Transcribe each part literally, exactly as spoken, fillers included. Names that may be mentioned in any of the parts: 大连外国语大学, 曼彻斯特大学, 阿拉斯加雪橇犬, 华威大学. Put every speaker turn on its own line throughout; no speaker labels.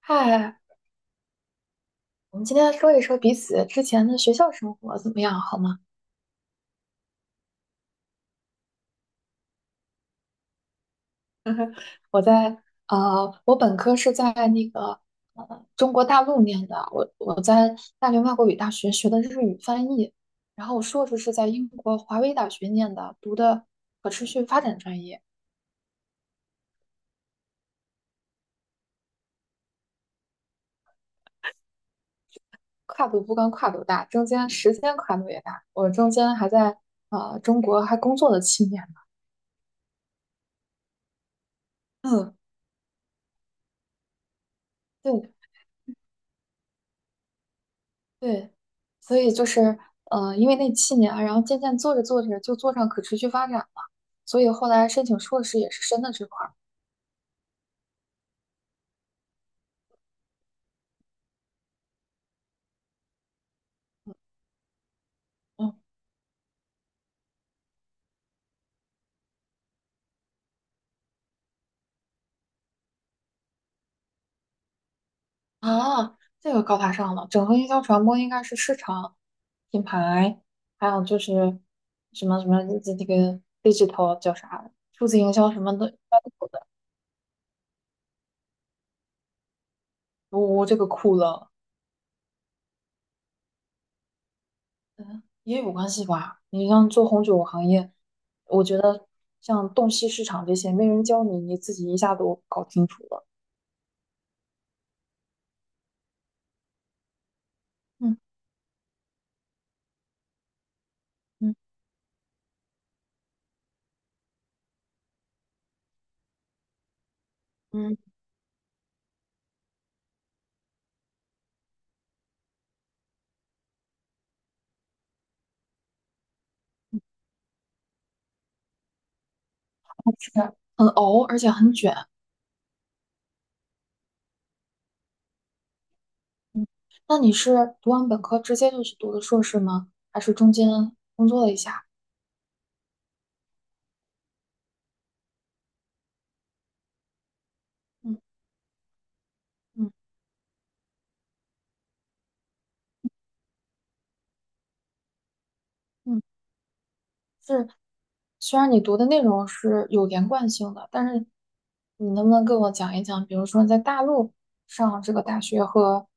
嗨，我们今天说一说彼此之前的学校生活怎么样，好吗？我在呃，我本科是在那个呃中国大陆念的，我我在大连外国语大学学的日语翻译，然后我硕士是在英国华威大学念的，读的可持续发展专业，跨度不光跨度大，中间时间跨度也大，我中间还在呃中国还工作了七年呢。嗯，对对，所以就是呃，因为那七年啊，然后渐渐做着做着就做上可持续发展了，所以后来申请硕士也是申的这块儿。嗯啊，这个高大上了，整合营销传播应该是市场、品牌，还有就是什么什么这这个 digital 叫啥，数字营销什么的，应该都有的。我、这个酷了，嗯，也有关系吧。你像做红酒行业，我觉得像洞悉市场这些，没人教你，你自己一下都搞清楚了。嗯。嗯嗯，是很熬，而且很卷。嗯，那你是读完本科直接就去读的硕士吗？还是中间工作了一下？嗯嗯嗯，是，虽然你读的内容是有连贯性的，但是你能不能跟我讲一讲，比如说在大陆上这个大学和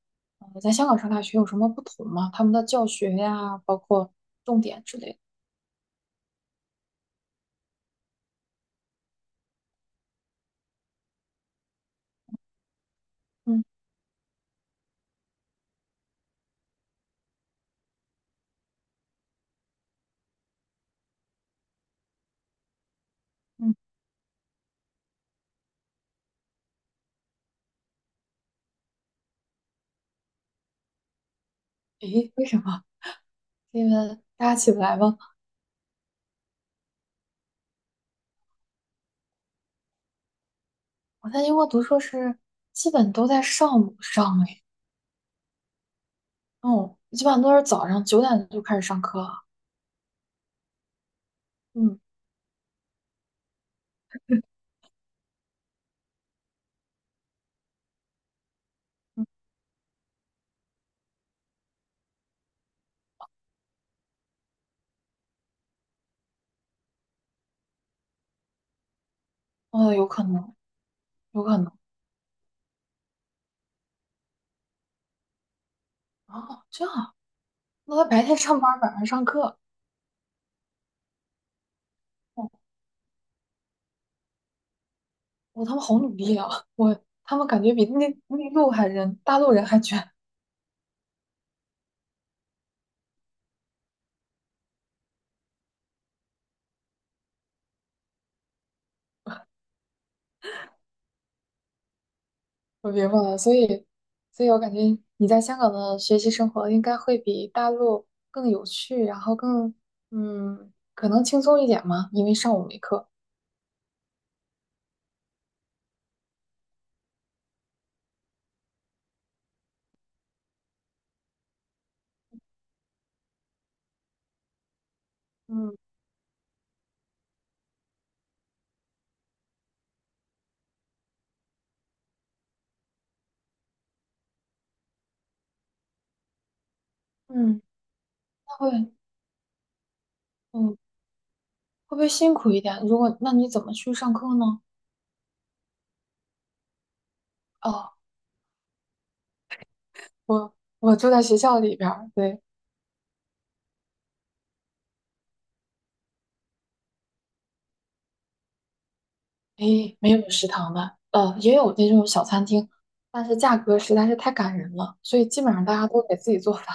呃在香港上大学有什么不同吗？他们的教学呀，包括重点之类的。嗯嗯，诶，为什么？是因为大家起不来吗？我在英国读硕士，基本都在上午上诶，哦，基本上都是早上九点就开始上课了嗯，嗯哦，有可能，有可能。哦，这样啊，那他白天上班，晚上上课。哦，我他们好努力啊！我他们感觉比内内陆还人，大陆人还卷。我明白了，所以，所以我感觉你在香港的学习生活应该会比大陆更有趣，然后更嗯，可能轻松一点嘛，因为上午没课。嗯，嗯，那会。嗯。会不会辛苦一点？如果，那你怎么去上课呢？哦，我我住在学校里边儿，对，诶，没有食堂的，呃，也有那种小餐厅，但是价格实在是太感人了，所以基本上大家都得自己做饭。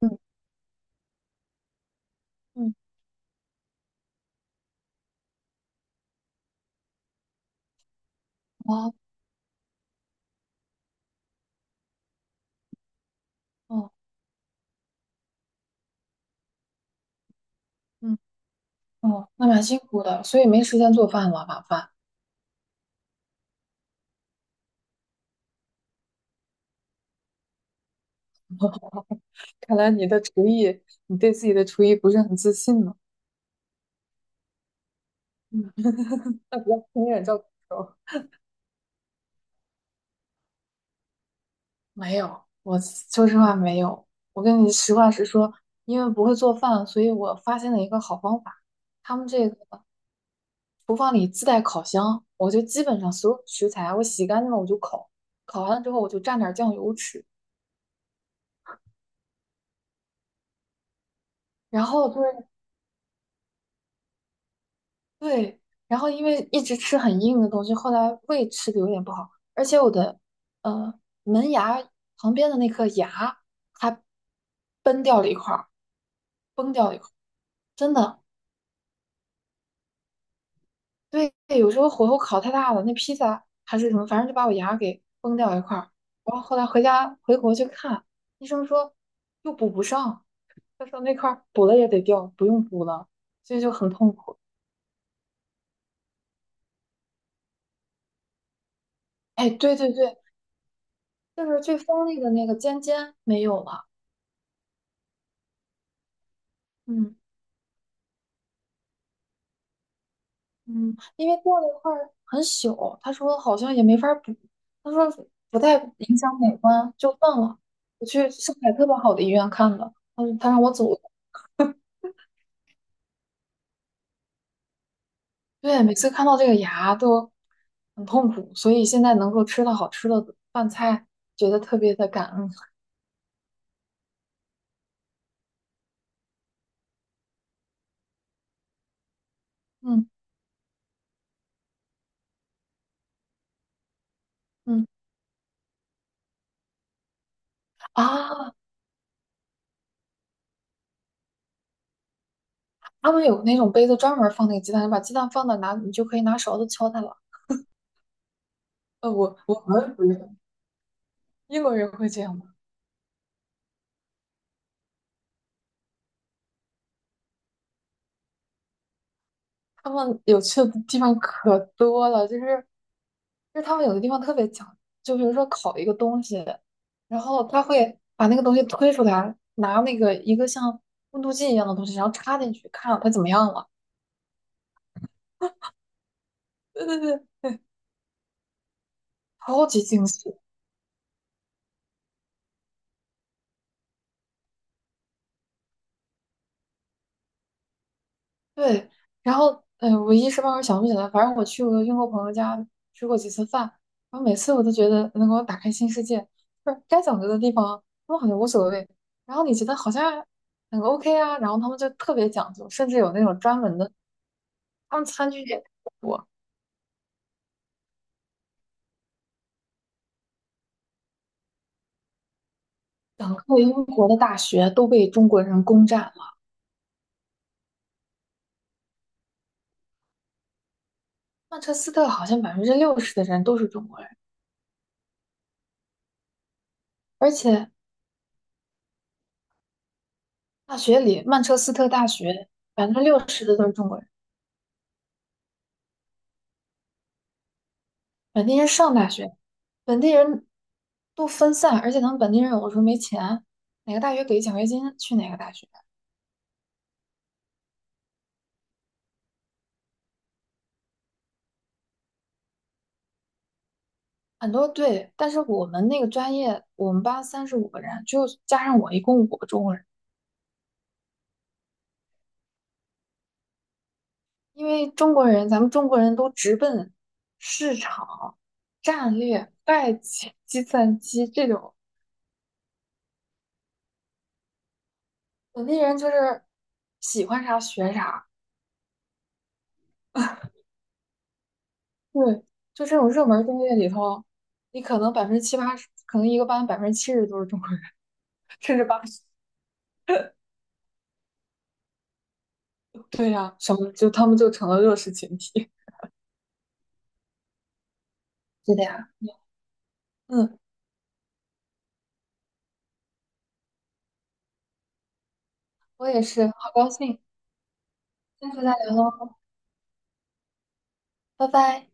嗯嗯，哦哦嗯哦，那蛮辛苦的，所以没时间做饭了，晚饭。看来你的厨艺，你对自己的厨艺不是很自信呢。嗯，那不要轻言叫苦没有，我说实话没有。我跟你实话实说，因为不会做饭，所以我发现了一个好方法。他们这个厨房里自带烤箱，我就基本上所有食材啊我洗干净了我就烤，烤完了之后我就蘸点酱油吃。然后就是对，然后因为一直吃很硬的东西，后来胃吃的有点不好，而且我的呃门牙旁边的那颗牙它崩掉了一块儿，崩掉了一块儿，真的。对，有时候火候烤太大了，那披萨还是什么，反正就把我牙给崩掉一块儿。然后后来回家回国去看，医生说又补不上，他说那块儿补了也得掉，不用补了，所以就很痛苦。哎，对对对，就是最锋利的那个尖尖没有了。嗯嗯，因为掉了一块儿很小，他说好像也没法儿补，他说不太影响美观，就算了。我去上海特别好的医院看的，嗯，他让我走。对，每次看到这个牙都很痛苦，所以现在能够吃到好吃的饭菜，觉得特别的感恩。嗯嗯啊，他们有那种杯子专门放那个鸡蛋，你把鸡蛋放到哪，你就可以拿勺子敲它了。呃，我我们不是英国人会这样吗？他们有趣的地方可多了，就是就是他们有的地方特别讲究，就比如说烤一个东西，然后他会把那个东西推出来，拿那个一个像温度计一样的东西，然后插进去，看它怎么样了。对对对，超级惊喜。对，然后嗯、呃我一时半会儿想不起来，反正我去我英国朋友家吃过几次饭，然后每次我都觉得能给我打开新世界，就是该讲究的地方他们好像无所谓，然后你觉得好像很 OK 啊，然后他们就特别讲究，甚至有那种专门的，他们餐具也特别多。整个英国的大学都被中国人攻占了，曼彻斯特好像百分之六十的人都是中国人，而且大学里曼彻斯特大学百分之六十的都是中国人。本地人上大学，本地人都分散，而且他们本地人有的时候没钱，哪个大学给奖学金去哪个大学，很多对。但是我们那个专业，我们班三十五个人，就加上我一共五个中国人，因为中国人，咱们中国人都直奔市场、战略、会计、计算机这种，本地人就是喜欢啥学啥，对，就这种热门专业里头，你可能百分之七八十，可能一个班百分之七十都是中国人，甚至八。十。对呀、什么就他们就成了弱势群体。是的呀，嗯，我也是，好高兴，下次再聊喽，拜拜。